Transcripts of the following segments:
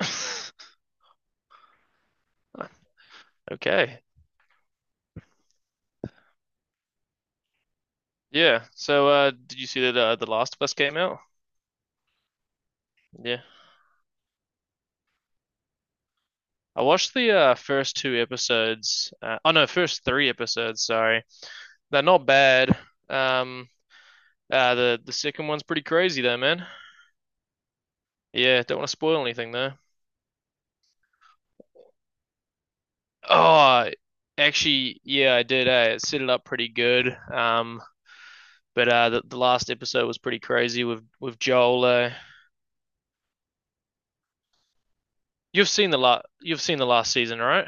Okay. Yeah. So, did you see that The Last of Us came out? Yeah. I watched the first two episodes. Oh no, first three episodes. Sorry, they're not bad. Um, the second one's pretty crazy though, man. Yeah, don't want to spoil anything though. Oh, actually, yeah, I did, eh? It set it up pretty good. But the last episode was pretty crazy with Joel. You've seen the last season, right?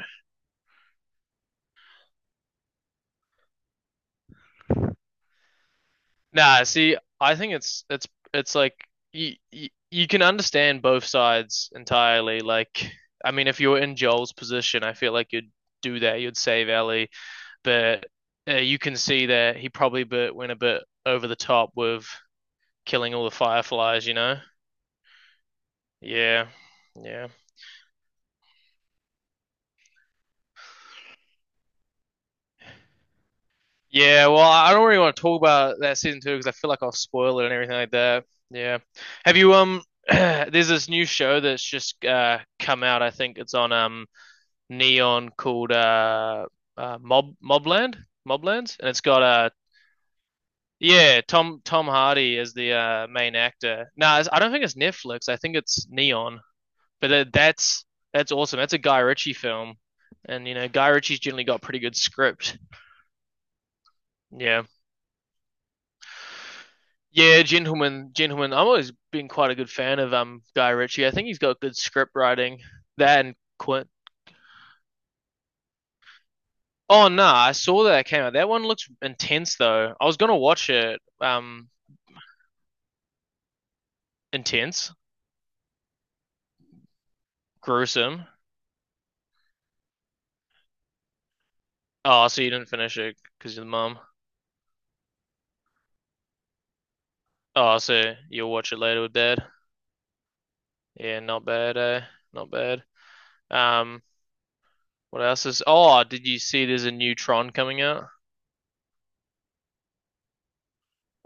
Nah, see, I think it's like you can understand both sides entirely. Like, I mean, if you're in Joel's position, I feel like you'd do that. You'd save Ellie, but you can see that he probably went a bit over the top with killing all the fireflies. You know? Yeah, yeah, yeah. Well, I don't really want to talk about that season two because I feel like I'll spoil it and everything like that. Yeah. Have you? There's this new show that's just come out. I think it's on Neon called uh Mob Mobland Moblands, and it's got a yeah, Tom Hardy as the main actor. No, I don't think it's Netflix. I think it's Neon, but that's awesome. That's a Guy Ritchie film, and you know Guy Ritchie's generally got pretty good script. Yeah. Yeah, gentlemen, gentlemen. I've always been quite a good fan of Guy Ritchie. I think he's got good script writing. That and Quint. Oh no, I saw that it came out. That one looks intense though. I was gonna watch it. Intense, gruesome. Oh, so you didn't finish it because you're the mum. Oh, so you'll watch it later with dad. Yeah, not bad, eh? Not bad. Um, what else is? Oh, did you see? There's a new Tron coming out.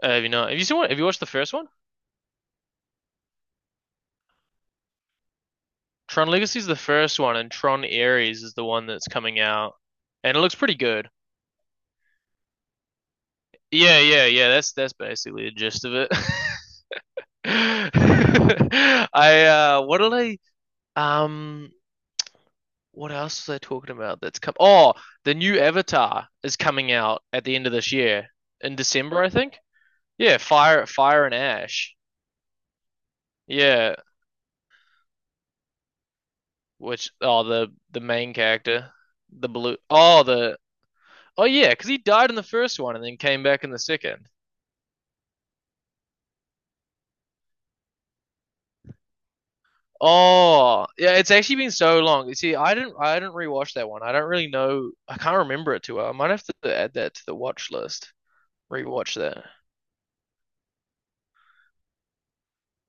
Have you not? Have you seen one? Have you watched the first one? Tron Legacy is the first one, and Tron Ares is the one that's coming out, and it looks pretty good. Yeah, yeah, yeah. That's basically the gist of it. I what did I What else are they talking about that's come? Oh, the new Avatar is coming out at the end of this year in December, I think. Yeah, Fire and Ash. Yeah, which oh the main character, the blue. Oh the oh yeah, because he died in the first one and then came back in the second. Oh yeah, it's actually been so long. You see, I didn't rewatch that one. I don't really know. I can't remember it too well. I might have to add that to the watch list. Rewatch that.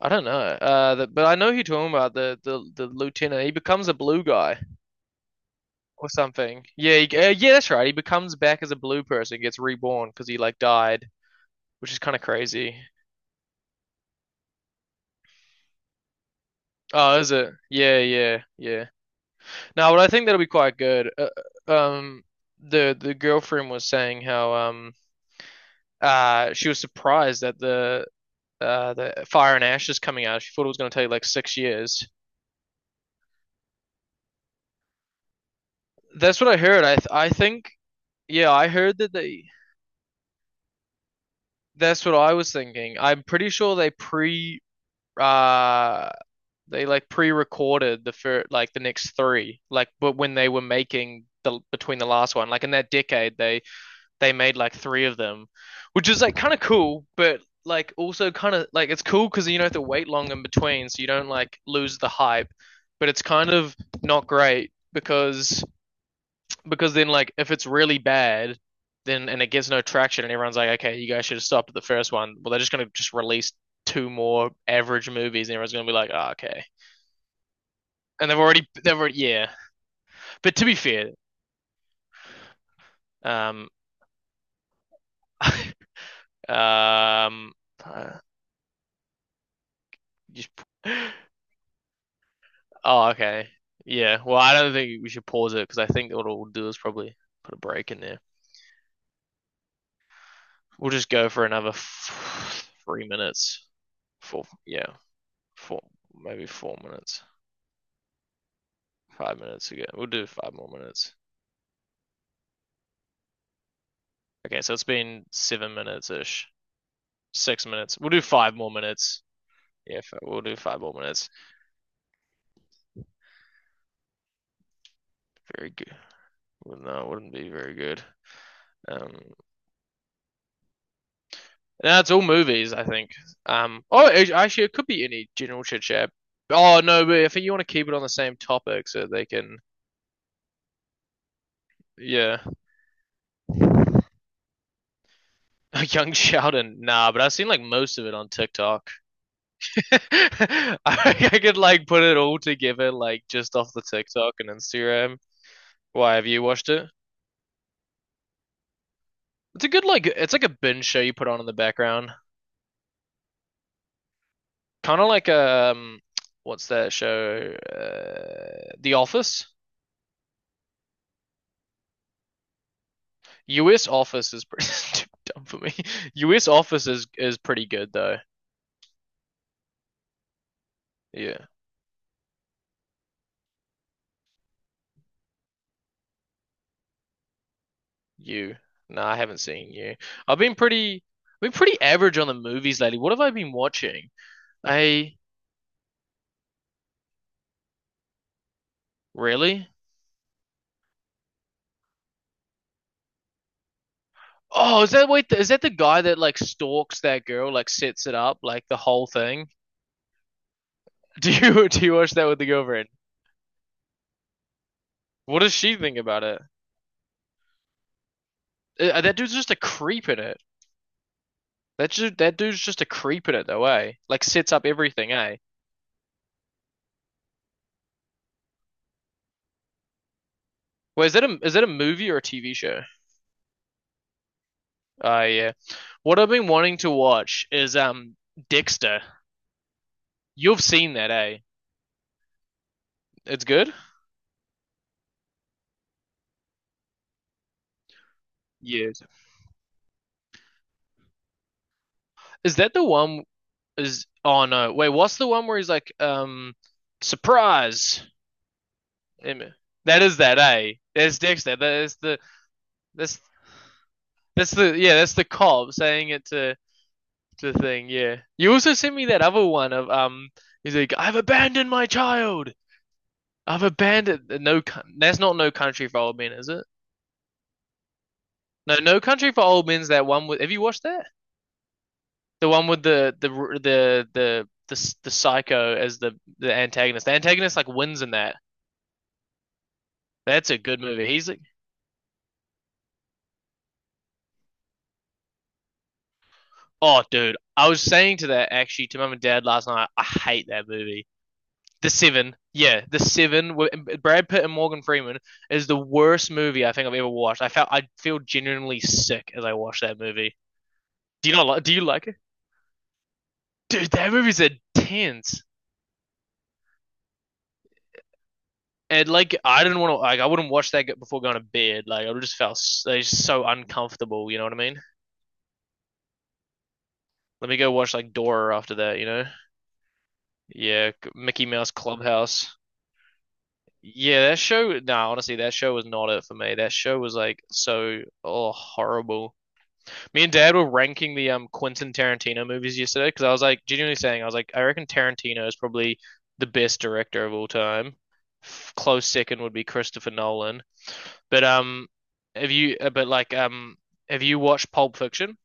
I don't know. But I know who you're talking about. The lieutenant. He becomes a blue guy or something. Yeah, yeah, that's right. He becomes back as a blue person, gets reborn because he like died, which is kind of crazy. Oh, is it? Yeah, yeah, yeah. No, but I think that'll be quite good. Uh, um, the girlfriend was saying how she was surprised that the Fire and Ash is coming out. She thought it was going to take like 6 years. That's what I heard. I think, yeah, I heard that they that's what I was thinking. I'm pretty sure uh they like pre-recorded the next three, like, but when they were making the between the last one like in that decade, they made like three of them, which is like kind of cool, but like also kind of like it's cool because you don't have to wait long in between so you don't like lose the hype, but it's kind of not great, because then, like, if it's really bad, then and it gets no traction, and everyone's like, okay, you guys should have stopped at the first one. Well, they're just gonna just release two more average movies, and everyone's gonna be like, oh, okay. And they've already, yeah. But to be fair, um, um, uh, just, oh, okay, yeah. Well, I don't think we should pause it because I think what we'll do is probably put a break in there. We'll just go for another f 3 minutes, four, yeah, 4, maybe 4 minutes. 5 minutes again. We'll do five more minutes. Okay, so it's been 7 minutes ish. 6 minutes. We'll do five more minutes. Yeah, we'll do five more minutes. Very good. Well, no, it wouldn't be very good. Um, no, it's all movies, I think. Oh, actually, it could be any general chit chat. Oh no, but I think you want to keep it on the same topic so they can, yeah. Young Sheldon, nah, but I've seen like most of it on TikTok. I could like put it all together like just off the TikTok and Instagram. Why have you watched it? It's a good like it's like a binge show you put on in the background. Kind of like what's that show? The Office. US Office is pretty too dumb for me. US Office is pretty good though. Yeah. You. No, I haven't seen you. I've been pretty I've been pretty average on the movies lately. What have I been watching? I really? Oh, is that the guy that like stalks that girl, like sets it up, like the whole thing? Do you watch that with the girlfriend? What does she think about it? That dude's just a creep in it. That dude's just a creep in it though, eh? Like sets up everything, eh? Wait, is that a movie or a TV show? Ah, yeah. What I've been wanting to watch is Dexter. You've seen that, eh? It's good? Yes. Is that the one? Is oh no. Wait, what's the one where he's like surprise? Em- That is that, eh? That's Dexter. That's that's the, yeah, that's the cop saying it to the thing, yeah. You also sent me that other one of he's like, I've abandoned my child. I've abandoned no. Coun- That's not No Country for Old Men, is it? No, No Country for Old Men's that one with. Have you watched that? The one with the psycho as the antagonist. The antagonist like wins in that. That's a good movie. He's like, oh, dude. I was saying to that actually to mum and dad last night. I hate that movie. The Seven. Yeah, The Seven. Brad Pitt and Morgan Freeman is the worst movie I think I've ever watched. I feel genuinely sick as I watched that movie. Do you not like? Do you like it? Dude, that movie's intense. And like, I didn't want to. Like, I wouldn't watch that before going to bed. Like, I just felt like, just so uncomfortable. You know what I mean? Let me go watch like Dora after that. You know? Yeah, Mickey Mouse Clubhouse. Yeah, that show. Nah, honestly, that show was not it for me. That show was like so, oh, horrible. Me and Dad were ranking the Quentin Tarantino movies yesterday because I was like genuinely saying I was like I reckon Tarantino is probably the best director of all time. Close second would be Christopher Nolan. But have you? But like have you watched Pulp Fiction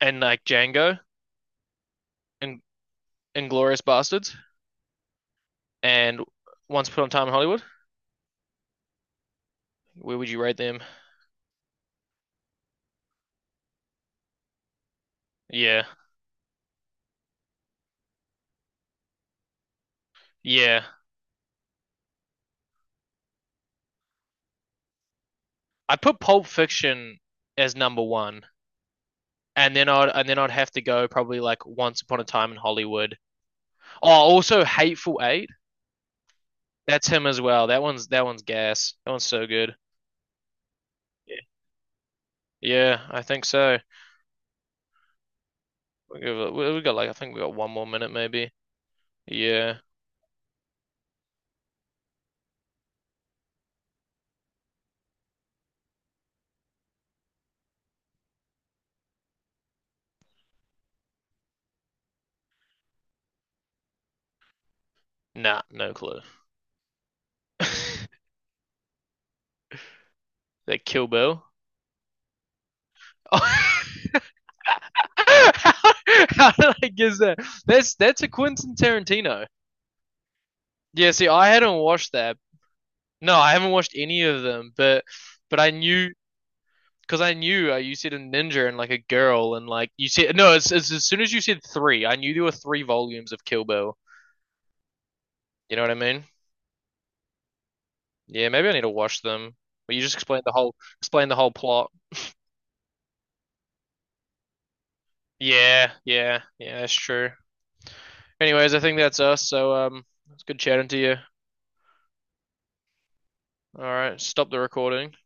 and like Django and Inglorious Bastards and Once Upon a Time in Hollywood? Where would you rate them? Yeah, yeah. I put Pulp Fiction as #1, and then I'd have to go probably like Once Upon a Time in Hollywood. Oh, also Hateful Eight. That's him as well. That one's gas. That one's so good. Yeah. Yeah, I think so. We got like I think we got one more minute maybe. Yeah. Nah, no clue. That Kill Bill. Oh. How, how did I guess that? That's a Quentin Tarantino. Yeah, see, I hadn't watched that. No, I haven't watched any of them, but I knew because I knew, you said a ninja and like a girl and like you said no. It's as soon as you said three, I knew there were three volumes of Kill Bill. You know what I mean? Yeah, maybe I need to watch them. But you just explained the whole plot. Yeah, yeah, yeah. That's true. Anyways, I think that's us. So it's good chatting to you. All right, stop the recording.